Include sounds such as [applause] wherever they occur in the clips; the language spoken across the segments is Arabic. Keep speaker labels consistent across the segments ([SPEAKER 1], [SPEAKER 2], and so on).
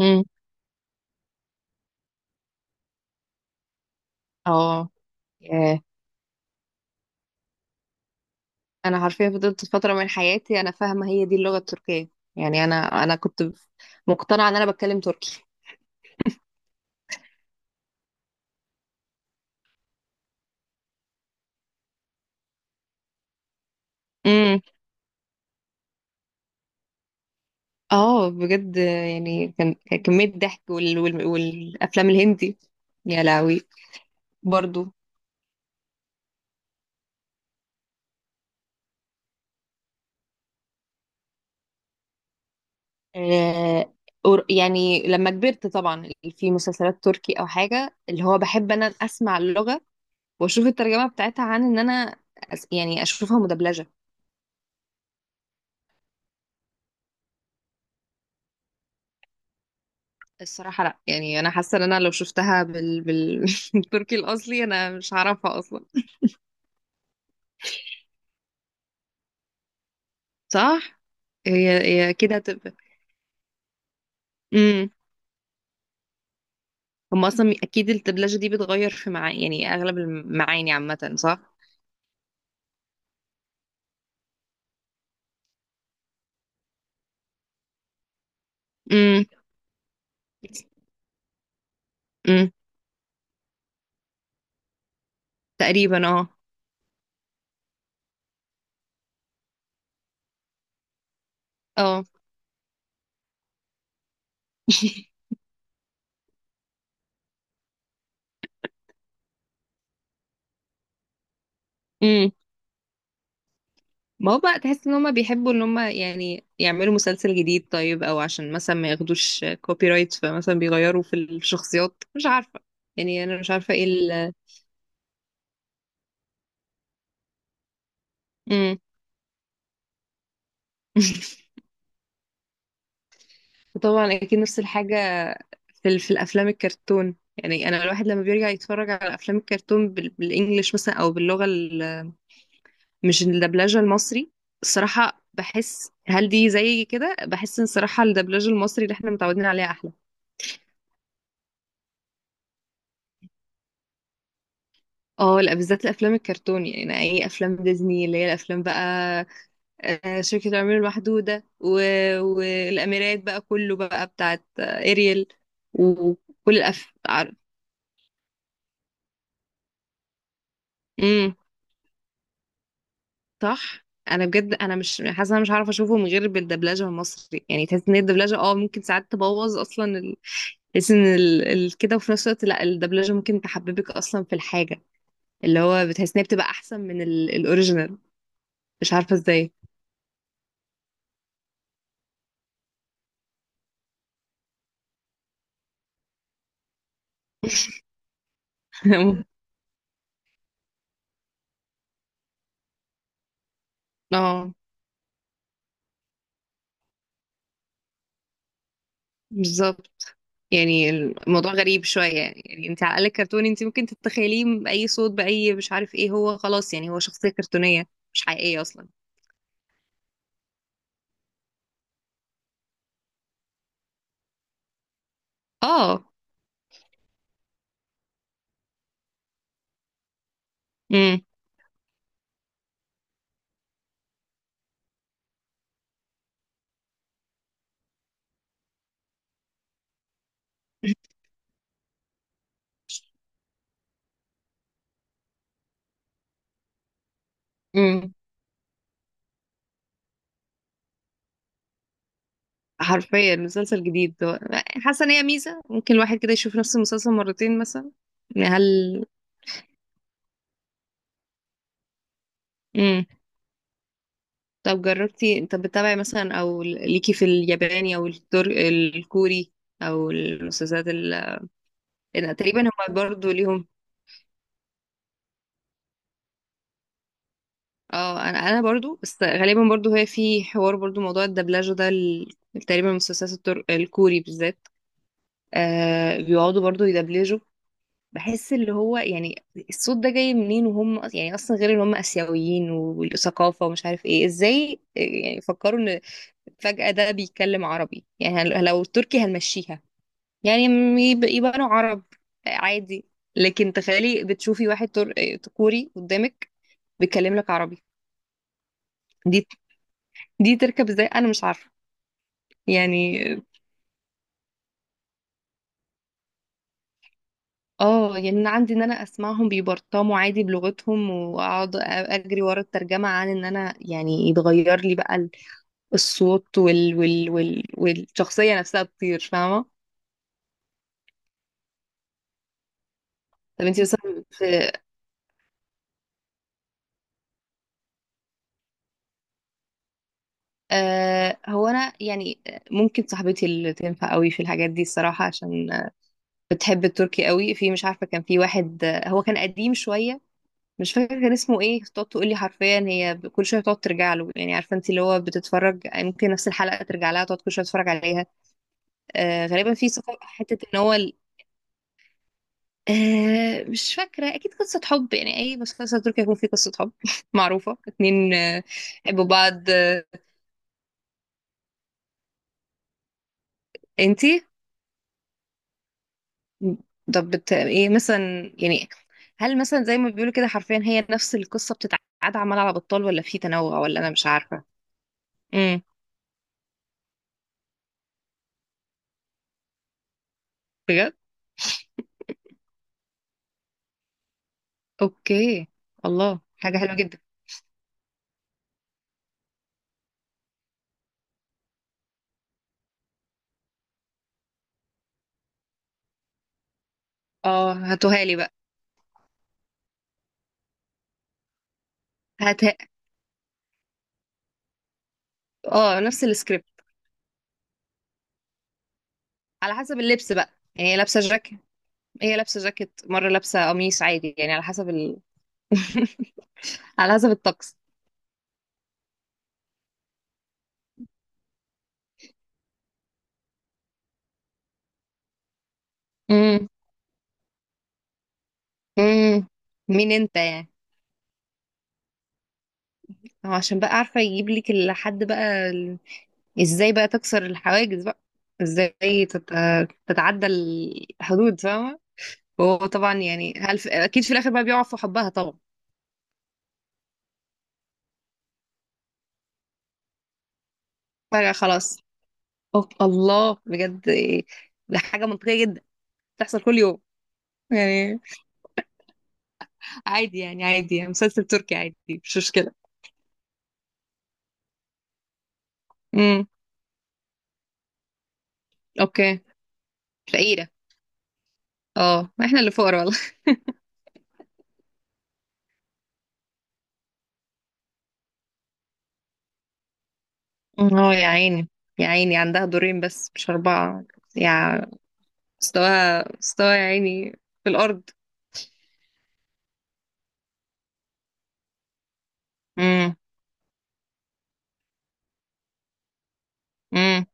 [SPEAKER 1] امم. اه. ياه. انا حرفيا فضلت فتره من حياتي انا فاهمه هي دي اللغه التركيه. يعني انا كنت مقتنعه ان انا بتكلم تركي. امم. اه. بجد يعني كان كميه ضحك والافلام الهندي. يا لهوي. برضو. آه... يعني لما كبرت طبعا في مسلسلات تركي او حاجه اللي هو بحب انا اسمع اللغه واشوف الترجمه بتاعتها عن ان انا يعني اشوفها مدبلجه. الصراحة لا، يعني انا حاسة ان انا لو شفتها [laughs] بالتركي الاصلي انا مش هعرفها اصلا. صح. هي هي كده هتبقى. امم. هم اصلا اكيد الدبلجة دي بتغير في معاني، يعني اغلب المعاني عامة، صح. امم. امم. تقريبا. اه. اه. [laughs] امم. ما هو بقى تحس ان هم بيحبوا ان هم يعني يعملوا مسلسل جديد طيب، او عشان مثلا ما ياخدوش كوبي رايت فمثلا بيغيروا في الشخصيات، مش عارفة، يعني انا مش عارفة ايه ال. امم. [laughs] وطبعا اكيد نفس الحاجه في في الافلام الكرتون، يعني انا الواحد لما بيرجع يتفرج على افلام الكرتون بالانجلش مثلا، او باللغه مش الدبلجه المصري. الصراحه بحس هل دي زي كده، بحس ان الصراحه الدبلجه المصري اللي احنا متعودين عليها احلى. اه لا، بالذات الافلام الكرتون، يعني اي افلام ديزني اللي هي الافلام بقى، شركه العمير المحدوده والاميرات بقى، كله بقى بتاعت اريل. وكل عارف. صح. انا بجد انا مش حاسه انا مش هعرف اشوفه من غير بالدبلجه المصري. يعني تحس ان هي الدبلجه ممكن ساعات تبوظ اصلا تحس ان كده. وفي نفس الوقت لا، الدبلجه ممكن تحببك اصلا في الحاجه، اللي هو بتحس ان هي بتبقى احسن من الاوريجينال. مش عارفه ازاي. [laughs] اه بالظبط. يعني الموضوع غريب شويه، يعني يعني انت على الاقل كرتوني، انت ممكن تتخيليه باي صوت باي، مش عارف ايه، هو خلاص يعني هو شخصيه كرتونيه مش حقيقيه اصلا. اه. امم. [laughs] حرفيا مسلسل جديد حاسه ان هي ميزه، ممكن الواحد كده يشوف نفس المسلسل مرتين مثلا، يعني هل. امم. طب بتتابعي مثلا، او ليكي في الياباني او الكوري، او المسلسلات أنا تقريبا هم برضو ليهم. اه انا برضو، بس غالبا برضو هي في حوار برضو موضوع الدبلجه ده تقريبا المسلسلات الكوري بالذات. بيقعدوا برضو يدبلجوا، بحس اللي هو يعني الصوت ده جاي منين، وهم يعني اصلا، غير ان هم اسيويين والثقافه ومش عارف ايه، ازاي يعني فكروا ان فجاه ده بيتكلم عربي؟ يعني لو التركي هنمشيها، يعني يبقوا عرب عادي. لكن تخيلي بتشوفي واحد كوري قدامك بيتكلم لك عربي. دي دي تركب ازاي؟ انا مش عارفه. يعني اه، يعني انا عندي ان انا اسمعهم بيبرطموا عادي بلغتهم، واقعد اجري ورا الترجمه عن ان انا، يعني يتغير لي بقى الصوت والشخصية نفسها بتطير، فاهمة. طب انتي مثلا في هو انا يعني ممكن صاحبتي اللي تنفع قوي في الحاجات دي الصراحة، عشان بتحب التركي قوي، في مش عارفة كان في واحد هو كان قديم شوية، مش فاكرة كان اسمه ايه، تقعد تقول لي حرفيا، هي كل شوية تقعد ترجع له، يعني عارفة انت اللي هو بتتفرج، يعني ممكن نفس الحلقة ترجع لها تقعد كل شوية تتفرج عليها. غالبا في حتة ان هو مش فاكرة. أكيد قصة حب، يعني أي مسلسل تركي هيكون فيه قصة حب. [laughs] معروفة، اتنين حبوا بعض انتي. طب ايه مثلا يعني؟ هل مثلا زي ما بيقولوا كده، حرفيا هي نفس القصة بتتعاد عمال على بطال، ولا في تنوع، ولا أنا مش عارفة. امم. بجد؟ أوكي. الله، حاجة حلوة جدا. اه هاتوها لي بقى. هات. اه، نفس السكريبت، على حسب اللبس بقى. يعني هي لابسة جاكيت مرة، لابسة قميص عادي، يعني على حسب. [laughs] على حسب الطقس. امم. امم. مين انت يعني؟ هو عشان بقى عارفه يجيب لك لحد بقى ازاي بقى تكسر الحواجز بقى؟ ازاي تتعدى الحدود، فاهمه؟ وهو طبعا يعني اكيد في الاخر بقى بيقع في حبها طبعا. فجاه خلاص. أوه. الله. بجد إيه؟ ده حاجه منطقيه جدا، تحصل كل يوم، يعني عادي، يعني عادي، يعني مسلسل تركي عادي، مش مشكله. امم. اوكي. فقيره. اه، ما احنا اللي فقراء. اه يا عيني، يا عيني، عندها دورين بس مش أربعة. يا. مستواها مستواها يا عيني في الأرض. امم. امم.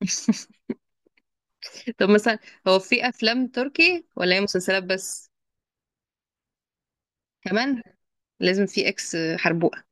[SPEAKER 1] [laughs] طب مثلا هو في أفلام تركي، ولا هي مسلسلات بس؟ كمان لازم في إكس حربوقة؟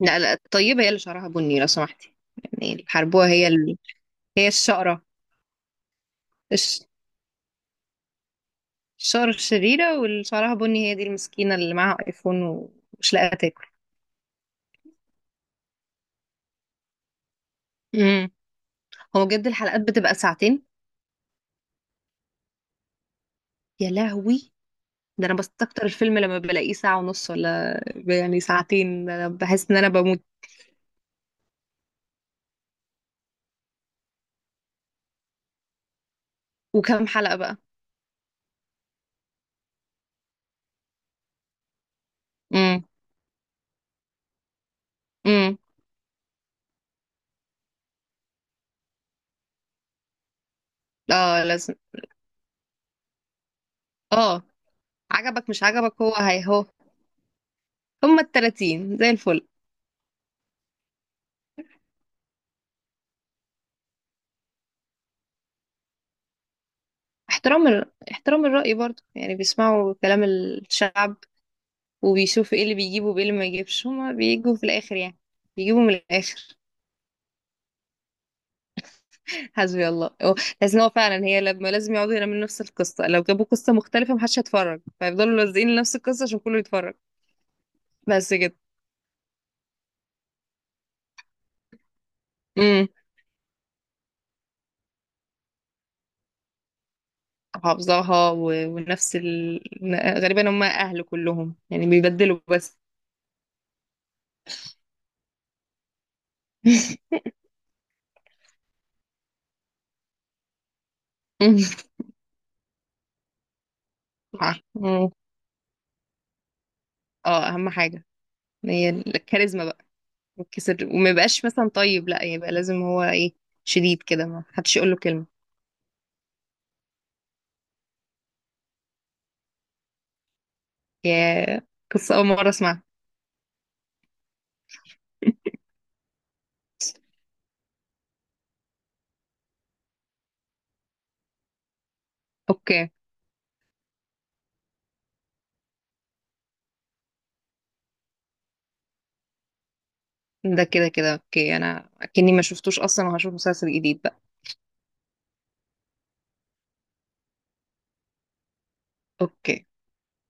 [SPEAKER 1] لا لا، الطيبة هي اللي شعرها بني لو سمحتي. يعني الحربوقة هي هي الشقرة الش... الشقرة الشريرة، واللي شعرها بني هي دي المسكينة اللي معاها آيفون ومش لاقية تاكل. امم. هو بجد الحلقات بتبقى ساعتين؟ يا لهوي، ده انا بستكتر الفيلم لما بلاقيه ساعة ونص، ولا يعني ساعتين، ده أنا بحس ان انا بموت. وكم حلقة بقى؟ امم. امم. اه لازم. اه. عجبك مش عجبك، هو هي هو، هما التلاتين زي الفل. احترام احترام الرأي برضو، يعني بيسمعوا كلام الشعب، وبيشوفوا ايه اللي بيجيبوا وايه اللي ما يجيبش، هما بيجوا في الاخر يعني بيجيبوا من الاخر. [laughs] حسبي الله، هو لازم هو فعلا هي لما لازم يقعدوا يعملوا نفس القصة، لو جابوا قصة مختلفة محدش هيتفرج، فيفضلوا لازقين لنفس القصة عشان كله يتفرج. بس كده. امم. حافظاها ونفس غالبا هم اهل كلهم يعني بيبدلوا بس. [laughs] مم. مم. اه، اهم حاجه هي الكاريزما بقى، يتكسر وما يبقاش مثلا طيب، لا يبقى لازم هو ايه، شديد كده ما حدش يقول له كلمه. يا. قصه اول مره اسمعها. اوكي. ده كده كده اوكي، انا كاني ما شفتوش اصلا وهشوف مسلسل جديد بقى. اوكي.